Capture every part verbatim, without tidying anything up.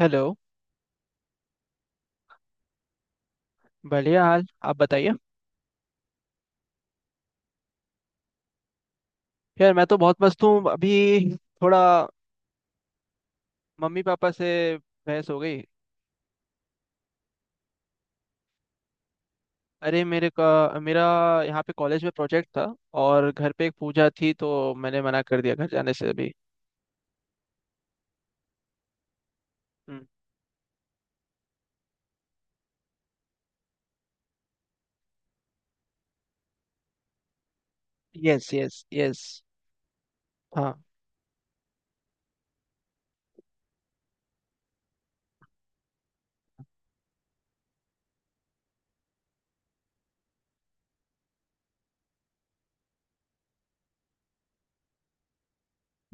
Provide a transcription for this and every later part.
Hello. बढ़िया हाल, आप बताइए। यार, मैं तो बहुत मस्त हूँ अभी। थोड़ा मम्मी पापा से बहस हो गई। अरे मेरे का मेरा यहाँ पे कॉलेज में प्रोजेक्ट था और घर पे एक पूजा थी, तो मैंने मना कर दिया घर जाने से अभी। Yes, yes, yes. हाँ।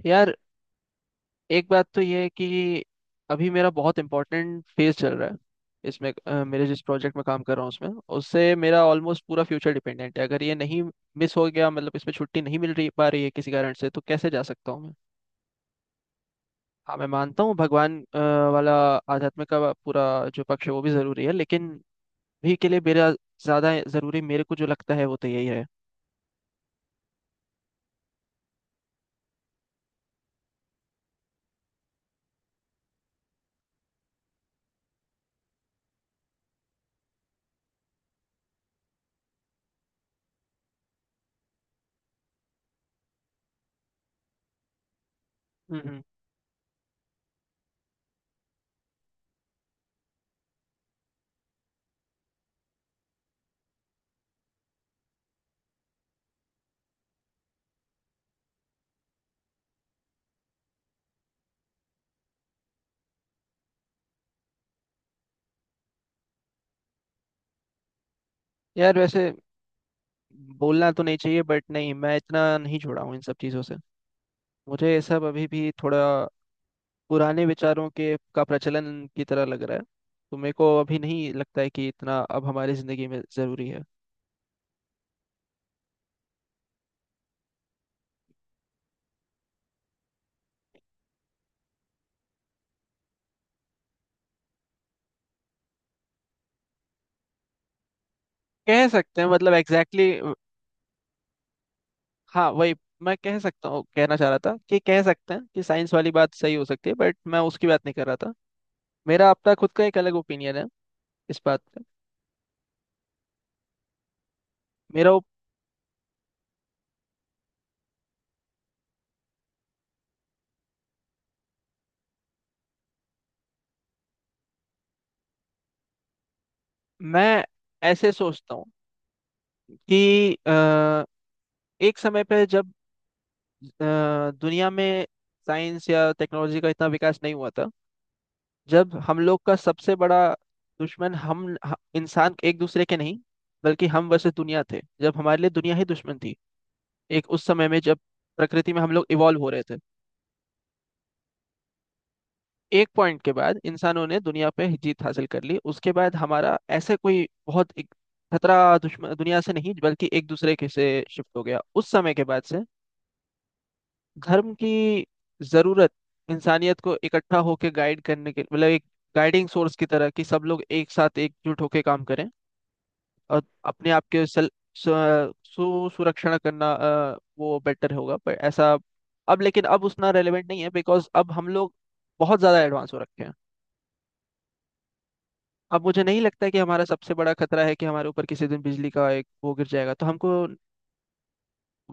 यार, एक बात तो ये है कि अभी मेरा बहुत इंपॉर्टेंट फेज चल रहा है। इसमें अ, मेरे जिस प्रोजेक्ट में काम कर रहा हूँ उसमें, उससे मेरा ऑलमोस्ट पूरा फ्यूचर डिपेंडेंट है। अगर ये नहीं मिस हो गया मतलब, इसमें छुट्टी नहीं मिल रही पा रही है किसी कारण से, तो कैसे जा सकता हूँ मैं। हाँ, मैं मानता हूँ भगवान अ, वाला आध्यात्म का पूरा जो पक्ष है वो भी ज़रूरी है, लेकिन भी के लिए मेरा ज़्यादा ज़रूरी मेरे को जो लगता है वो तो यही है। हम्म। यार, वैसे बोलना तो नहीं चाहिए, बट नहीं, मैं इतना नहीं जुड़ा हूँ इन सब चीज़ों से। मुझे ये सब अभी भी थोड़ा पुराने विचारों के का प्रचलन की तरह लग रहा है। तो मेरे को अभी नहीं लगता है कि इतना अब हमारी जिंदगी में जरूरी है। कह सकते हैं मतलब, एग्जैक्टली exactly, हाँ, वही मैं कह सकता हूँ, कहना चाह रहा था कि कह सकते हैं कि साइंस वाली बात सही हो सकती है, बट मैं उसकी बात नहीं कर रहा था। मेरा अपना खुद का एक अलग ओपिनियन है इस बात पे। मेरा ओप- मैं ऐसे सोचता हूँ कि अ, एक समय पे, जब अ, दुनिया में साइंस या टेक्नोलॉजी का इतना विकास नहीं हुआ था, जब हम लोग का सबसे बड़ा दुश्मन हम ह- इंसान एक दूसरे के नहीं बल्कि हम वर्सेस दुनिया थे, जब हमारे लिए दुनिया ही दुश्मन थी। एक उस समय में जब प्रकृति में हम लोग इवॉल्व हो रहे थे। एक पॉइंट के बाद इंसानों ने दुनिया पे जीत हासिल कर ली, उसके बाद हमारा ऐसे कोई बहुत एक खतरा दुश्मन दुनिया से नहीं बल्कि एक दूसरे के से शिफ्ट हो गया। उस समय के बाद से धर्म की जरूरत इंसानियत को इकट्ठा होकर गाइड करने के मतलब एक गाइडिंग सोर्स की तरह कि सब लोग एक साथ एकजुट होकर काम करें और अपने आप के सेल सु- सु- सुरक्षण करना, अ, वो बेटर होगा। पर ऐसा अब, लेकिन अब उतना रेलेवेंट नहीं है, बिकॉज अब हम लोग बहुत ज़्यादा एडवांस हो रखे हैं। अब मुझे नहीं लगता है कि हमारा सबसे बड़ा खतरा है कि हमारे ऊपर किसी दिन बिजली का एक वो गिर जाएगा तो हमको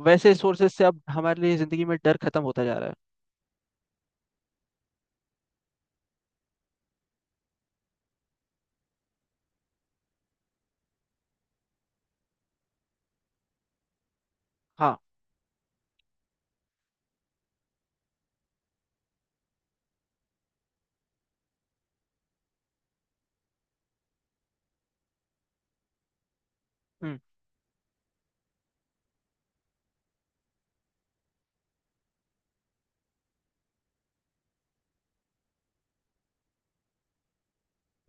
वैसे सोर्सेज से अब हमारे लिए ज़िंदगी में डर खत्म होता जा रहा है। हाँ। हम्म।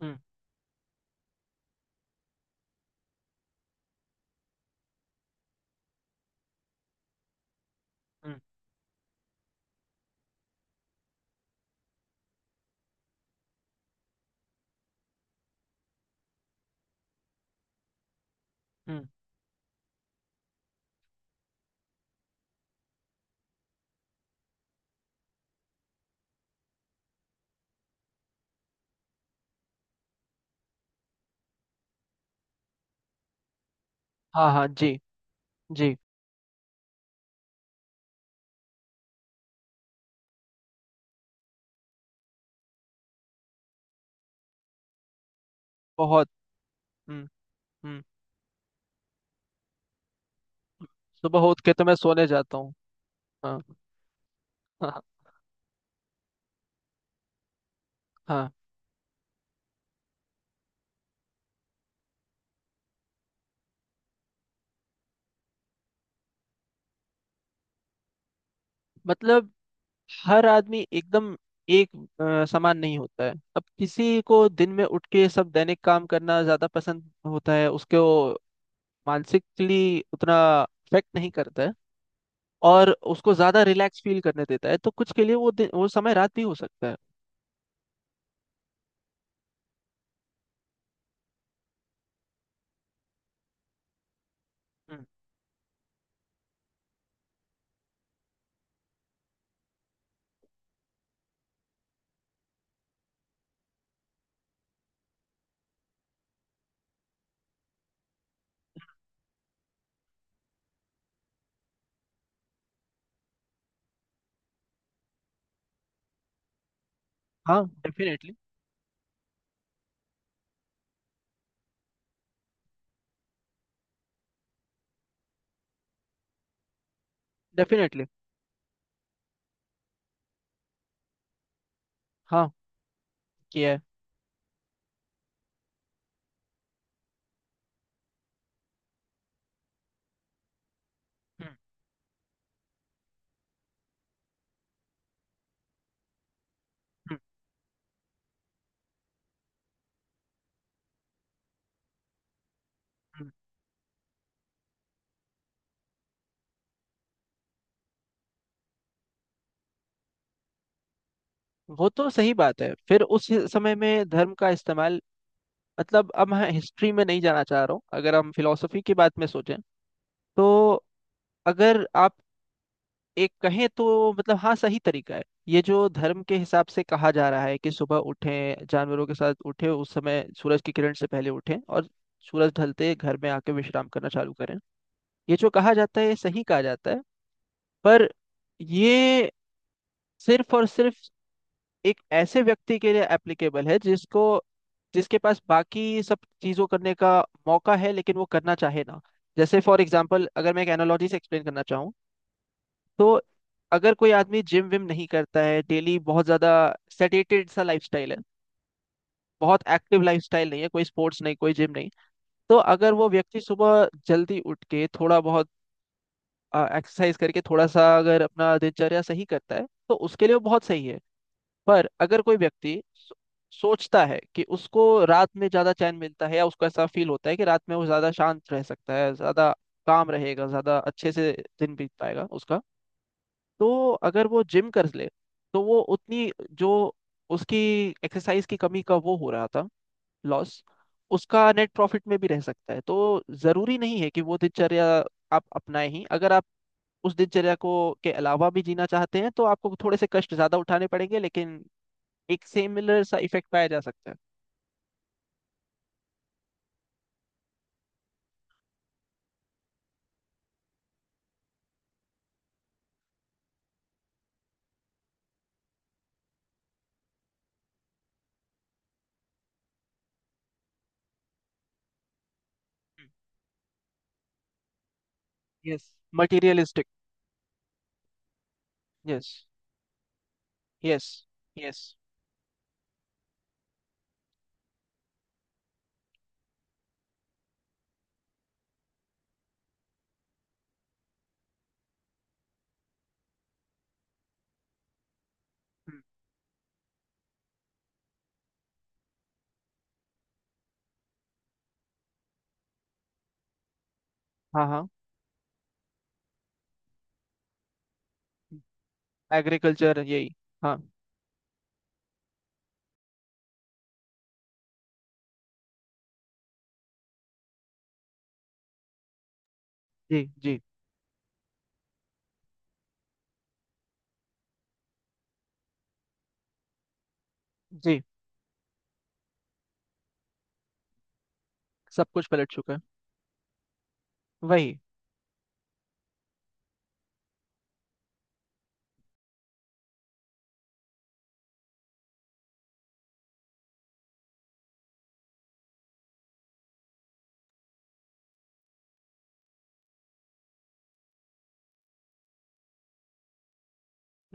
हम्म। हम्म। हम्म। हाँ। हाँ जी। जी। बहुत। हम्म। हम्म। सुबह उठ के तो मैं सोने जाता हूँ। हाँ। हाँ। हाँ। हाँ। मतलब, हर आदमी एकदम एक अ, समान नहीं होता है। अब किसी को दिन में उठ के सब दैनिक काम करना ज्यादा पसंद होता है, उसको मानसिकली उतना अफेक्ट नहीं करता है और उसको ज्यादा रिलैक्स फील करने देता है। तो कुछ के लिए वो दिन, वो समय रात भी हो सकता है। हम्म। हाँ, डेफिनेटली। डेफिनेटली। हाँ, किया है। हम्म। हम्म। हम्म। वो तो सही बात है। फिर उस समय में धर्म का इस्तेमाल मतलब, अब मैं हिस्ट्री में नहीं जाना चाह रहा हूँ। अगर हम फिलोसफी की बात में सोचें, तो अगर आप एक कहें तो मतलब, हाँ सही तरीका है। ये जो धर्म के हिसाब से कहा जा रहा है कि सुबह उठें जानवरों के साथ उठें उस समय सूरज की किरण से पहले उठें और सूरज ढलते घर में आके विश्राम करना चालू करें, ये जो कहा जाता है ये सही कहा जाता है। पर ये सिर्फ और सिर्फ एक ऐसे व्यक्ति के लिए एप्लीकेबल है जिसको जिसके पास बाकी सब चीज़ों करने का मौका है लेकिन वो करना चाहे ना। जैसे फॉर एग्जाम्पल, अगर मैं एक एनालॉजी से एक्सप्लेन करना चाहूँ, तो अगर कोई आदमी जिम विम नहीं करता है डेली, बहुत ज्यादा सेटेटेड सा लाइफस्टाइल है, बहुत एक्टिव लाइफस्टाइल नहीं है, कोई स्पोर्ट्स नहीं कोई जिम नहीं, तो अगर वो व्यक्ति सुबह जल्दी उठ के थोड़ा बहुत एक्सरसाइज करके थोड़ा सा अगर अपना दिनचर्या सही करता है, तो उसके लिए वो बहुत सही है। पर अगर कोई व्यक्ति सो- सोचता है कि उसको रात में ज्यादा चैन मिलता है, या उसको ऐसा फील होता है कि रात में वो ज्यादा शांत रह सकता है, ज्यादा काम रहेगा, ज्यादा अच्छे से दिन बीत पाएगा उसका, तो अगर वो जिम कर ले तो वो उतनी जो उसकी एक्सरसाइज की कमी का वो हो रहा था लॉस, उसका नेट प्रॉफिट में भी रह सकता है। तो जरूरी नहीं है कि वो दिनचर्या आप अपनाएं ही। अगर आप उस दिनचर्या को के अलावा भी जीना चाहते हैं, तो आपको थोड़े से कष्ट ज्यादा उठाने पड़ेंगे, लेकिन एक सिमिलर सा इफेक्ट पाया जा सकता है। हम्म। yes, materialistic। yes, yes, yes। हम्म। हाँ, हाँ। एग्रीकल्चर, यही। हाँ जी। जी। जी। सब कुछ पलट चुका है। वही।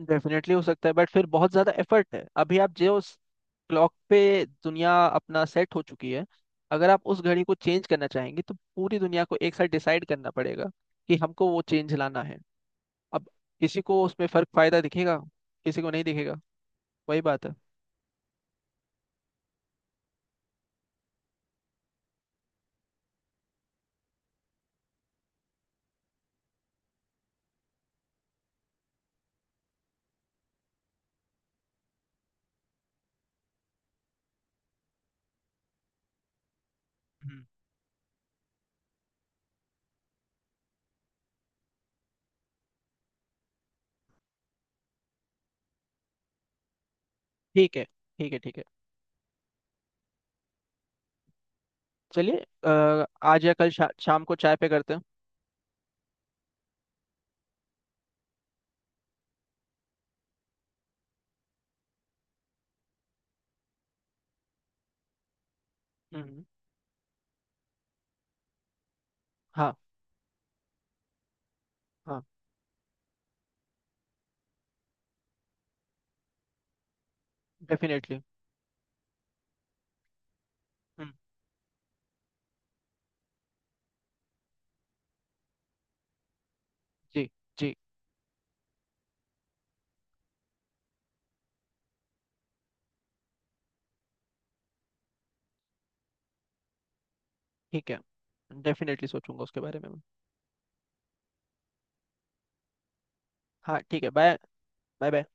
डेफिनेटली हो सकता है बट फिर बहुत ज्यादा एफर्ट है। अभी आप जो क्लॉक पे दुनिया अपना सेट हो चुकी है, अगर आप उस घड़ी को चेंज करना चाहेंगे तो पूरी दुनिया को एक साथ डिसाइड करना पड़ेगा कि हमको वो चेंज लाना है। अब किसी को उसमें फर्क फायदा दिखेगा, किसी को नहीं दिखेगा। वही बात है। हम्म। ठीक है, ठीक है। ठीक है, चलिए। अ, आज या कल शा, शाम को चाय पे करते हैं। हम्म। हाँ, हाँ। डेफिनेटली। हम्म। जी। जी। ठीक है। डेफिनेटली सोचूंगा उसके बारे में मैं। हाँ ठीक है, बाय। Bye, bye.